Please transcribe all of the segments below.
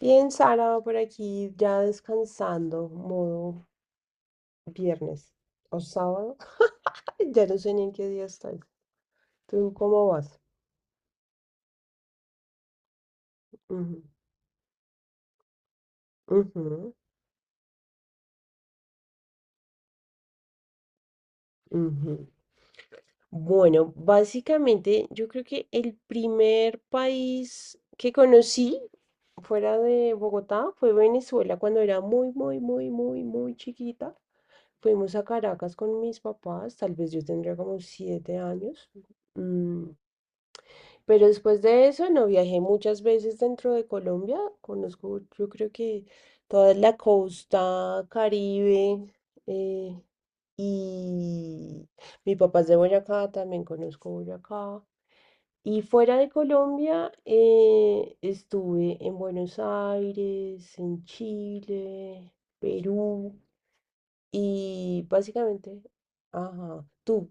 Bien, Sara, por aquí ya descansando, modo viernes o sábado. Ya no sé ni en qué día estoy. ¿Tú cómo vas? Ujú, ujú, ujú. Bueno, básicamente yo creo que el primer país que conocí fuera de Bogotá fue Venezuela cuando era muy, muy, muy, muy, muy chiquita. Fuimos a Caracas con mis papás, tal vez yo tendría como 7 años. Mm, Pero después de eso, no viajé muchas veces dentro de Colombia. Conozco, yo creo que toda la costa Caribe. eh, y mi papá es de Boyacá, también conozco Boyacá. Y fuera de Colombia, estuve en Buenos Aires, en Chile, Perú. Y básicamente, ajá, tú.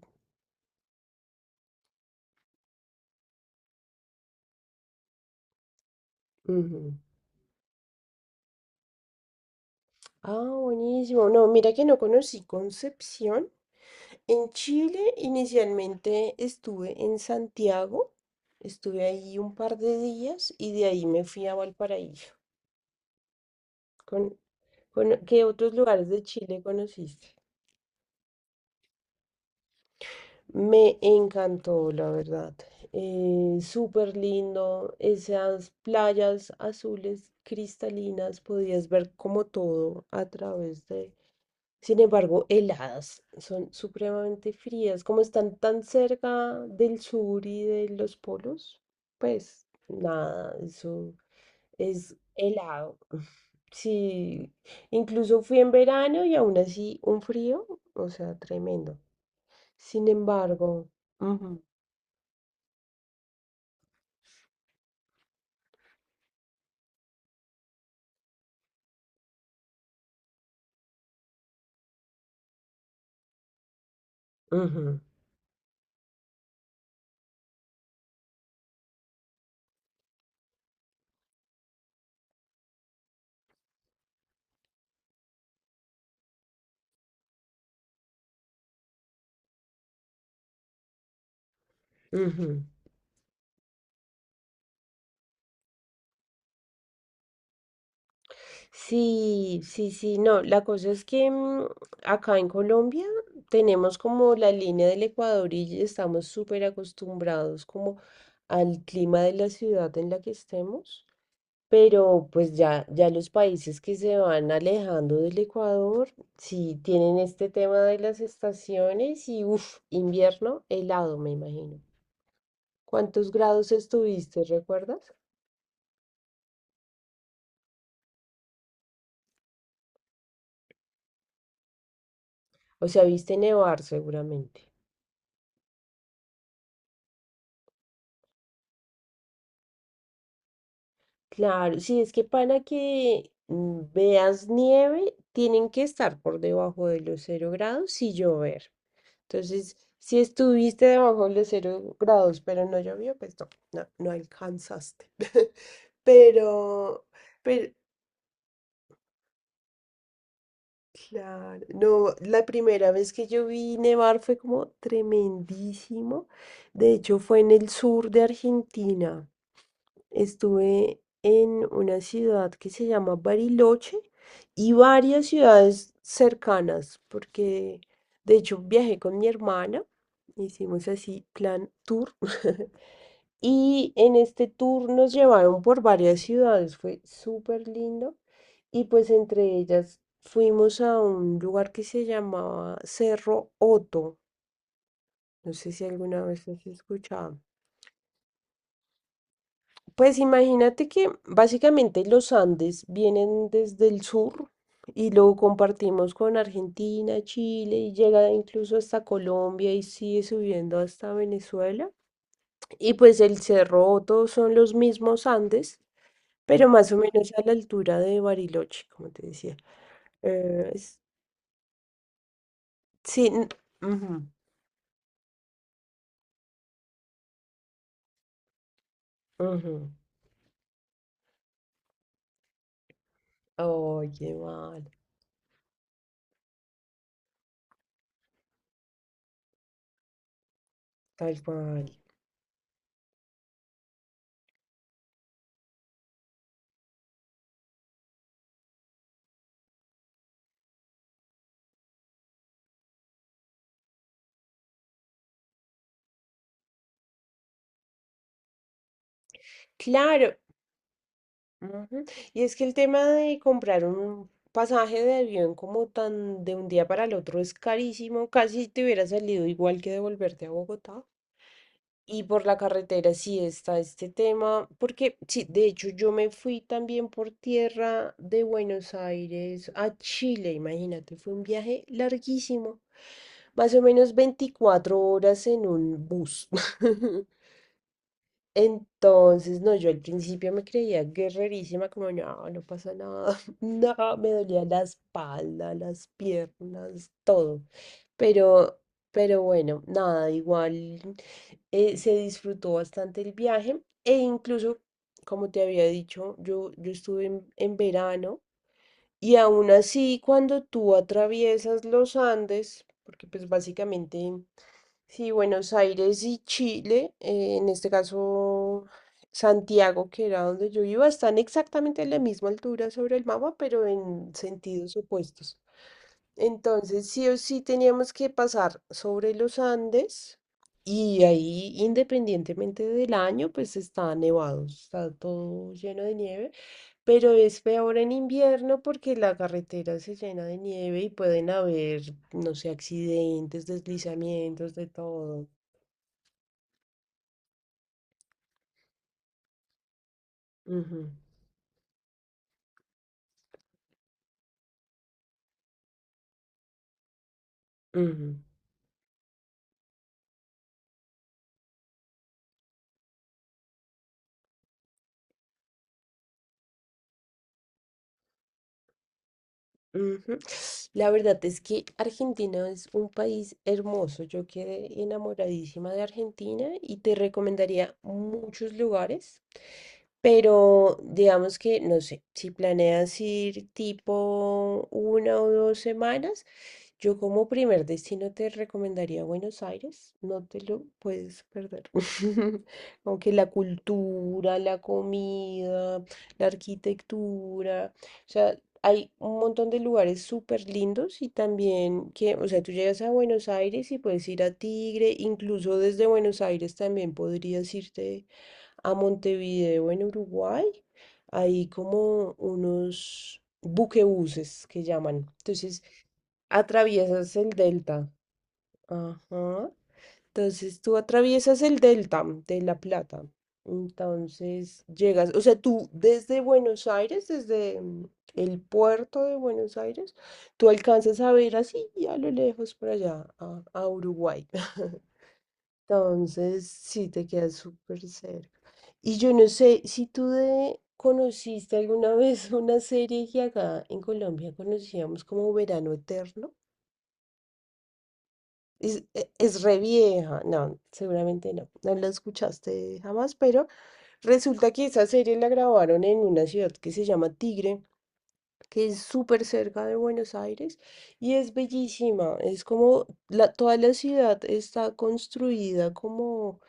Ujú. Ah, buenísimo. No, mira que no conocí Concepción. En Chile inicialmente estuve en Santiago, estuve ahí un par de días y de ahí me fui a Valparaíso. Con, ¿Qué otros lugares de Chile conociste? Me encantó, la verdad. Súper lindo, esas playas azules cristalinas, podías ver como todo a través de. Sin embargo, heladas, son supremamente frías, como están tan cerca del sur y de los polos, pues nada, eso es helado. Sí, incluso fui en verano y aún así un frío, o sea, tremendo. Sin embargo, ujú, ujú, ujú. Sí, sí, sí, no, la cosa es que acá en Colombia tenemos como la línea del Ecuador y estamos súper acostumbrados como al clima de la ciudad en la que estemos, pero pues ya, ya los países que se van alejando del Ecuador, sí tienen este tema de las estaciones y uff, invierno helado, me imagino. ¿Cuántos grados estuviste, recuerdas? O sea, viste nevar seguramente. Claro, sí, es que para que veas nieve, tienen que estar por debajo de los 0 grados y llover. Entonces, si estuviste debajo de los 0 grados, pero no llovió, pues no, no, no alcanzaste. Pero, pero, claro, no, la primera vez que yo vi nevar fue como tremendísimo. De hecho, fue en el sur de Argentina. Estuve en una ciudad que se llama Bariloche y varias ciudades cercanas, porque de hecho viajé con mi hermana, hicimos así plan tour. Y en este tour nos llevaron por varias ciudades, fue súper lindo. Y pues entre ellas fuimos a un lugar que se llamaba Cerro Otto. No sé si alguna vez has escuchado. Pues imagínate que básicamente los Andes vienen desde el sur y lo compartimos con Argentina, Chile y llega incluso hasta Colombia y sigue subiendo hasta Venezuela. Y pues el Cerro todos son los mismos Andes, pero más o menos a la altura de Bariloche, como te decía. Eh, es- sí, ujú, ujú. Ay, qué mal, tal cual. Claro, ujú. Y es que el tema de comprar un pasaje de avión como tan de un día para el otro es carísimo, casi te hubiera salido igual que devolverte a Bogotá. Y por la carretera sí está este tema, porque sí, de hecho yo me fui también por tierra de Buenos Aires a Chile, imagínate, fue un viaje larguísimo, más o menos 24 horas en un bus. Entonces, no, yo al principio me creía guerrerísima, como no, no pasa nada, no, me dolía la espalda, las piernas, todo. Pero, pero bueno, nada, igual se disfrutó bastante el viaje e incluso, como te había dicho, yo estuve en verano y aún así cuando tú atraviesas los Andes, porque pues básicamente sí, Buenos Aires y Chile, en este caso Santiago, que era donde yo iba, están exactamente a la misma altura sobre el mapa, pero en sentidos opuestos. Entonces, sí o sí teníamos que pasar sobre los Andes y ahí, independientemente del año, pues está nevado, está todo lleno de nieve, pero es peor en invierno porque la carretera se llena de nieve y pueden haber, no sé, accidentes, deslizamientos, de todo. Ujú, ujú, ujú. La verdad es que Argentina es un país hermoso. Yo quedé enamoradísima de Argentina y te recomendaría muchos lugares, pero digamos que, no sé, si planeas ir tipo 1 o 2 semanas, yo como primer destino te recomendaría Buenos Aires, no te lo puedes perder. Aunque la cultura, la comida, la arquitectura, o sea, hay un montón de lugares súper lindos y también que, o sea, tú llegas a Buenos Aires y puedes ir a Tigre, incluso desde Buenos Aires también podrías irte a Montevideo en Uruguay. Hay como unos buquebuses que llaman. Entonces, atraviesas el delta. Ajá. Entonces tú atraviesas el delta de La Plata. Entonces llegas, o sea, tú desde Buenos Aires, desde el puerto de Buenos Aires, tú alcanzas a ver así a lo lejos por allá, a Uruguay. Entonces sí te quedas súper cerca. Y yo no sé si tú conociste alguna vez una serie que acá en Colombia conocíamos como Verano Eterno. Es re vieja. No, seguramente no. No la escuchaste jamás, pero resulta que esa serie la grabaron en una ciudad que se llama Tigre, que es súper cerca de Buenos Aires y es bellísima. Es como toda la ciudad está construida como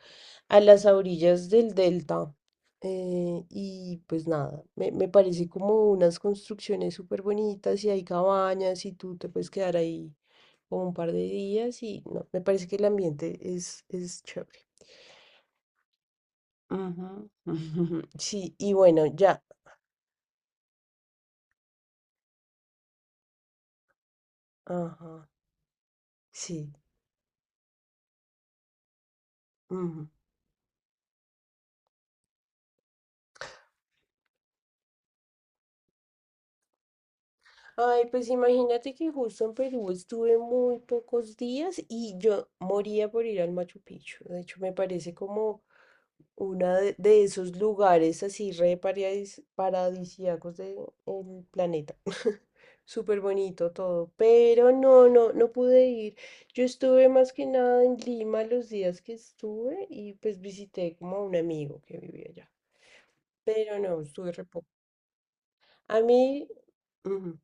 a las orillas del delta. Y pues nada, me parece como unas construcciones súper bonitas y hay cabañas y tú te puedes quedar ahí como un par de días y no, me parece que el ambiente es chévere. Ujú. Sí, y bueno, ya. Ajá, sí. Ujú. Ay, pues imagínate que justo en Perú estuve muy pocos días y yo moría por ir al Machu Picchu. De hecho, me parece como uno de esos lugares así re paradisíacos del planeta. Súper bonito todo, pero no, no, no pude ir. Yo estuve más que nada en Lima los días que estuve y pues visité como a un amigo que vivía allá, pero no, estuve re poco. A mí, ujú,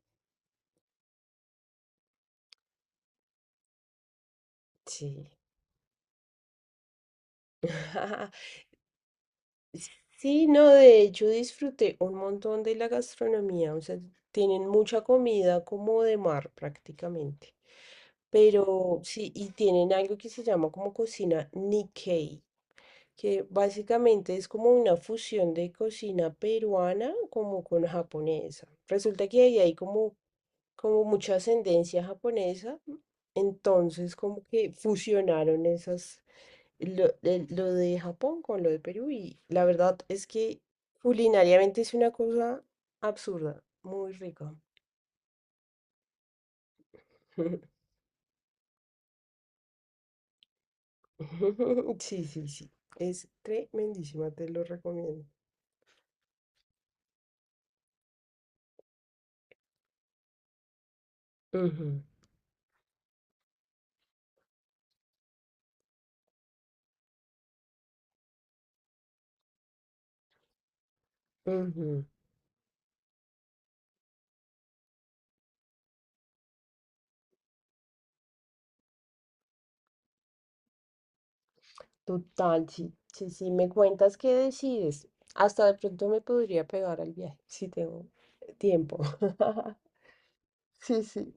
sí. Sí, no, de hecho disfruté un montón de la gastronomía, o sea, tienen mucha comida como de mar prácticamente. Pero sí, y tienen algo que se llama como cocina Nikkei, que básicamente es como una fusión de cocina peruana como con japonesa. Resulta que ahí hay como mucha ascendencia japonesa, entonces como que fusionaron esas lo de Japón con lo de Perú y la verdad es que culinariamente es una cosa absurda, muy rica. Sí, sí, sí, es tremendísima, te lo recomiendo. Ujú, ujú. Total, sí, sí, sí, me cuentas qué decides. Hasta de pronto me podría pegar al viaje, si tengo tiempo. Sí, sí,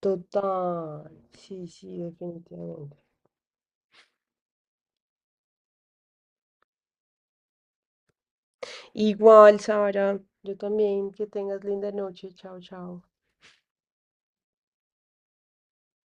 total, sí, sí, definitivamente. Igual, Sara, yo también, que tengas linda noche. Chao, chao.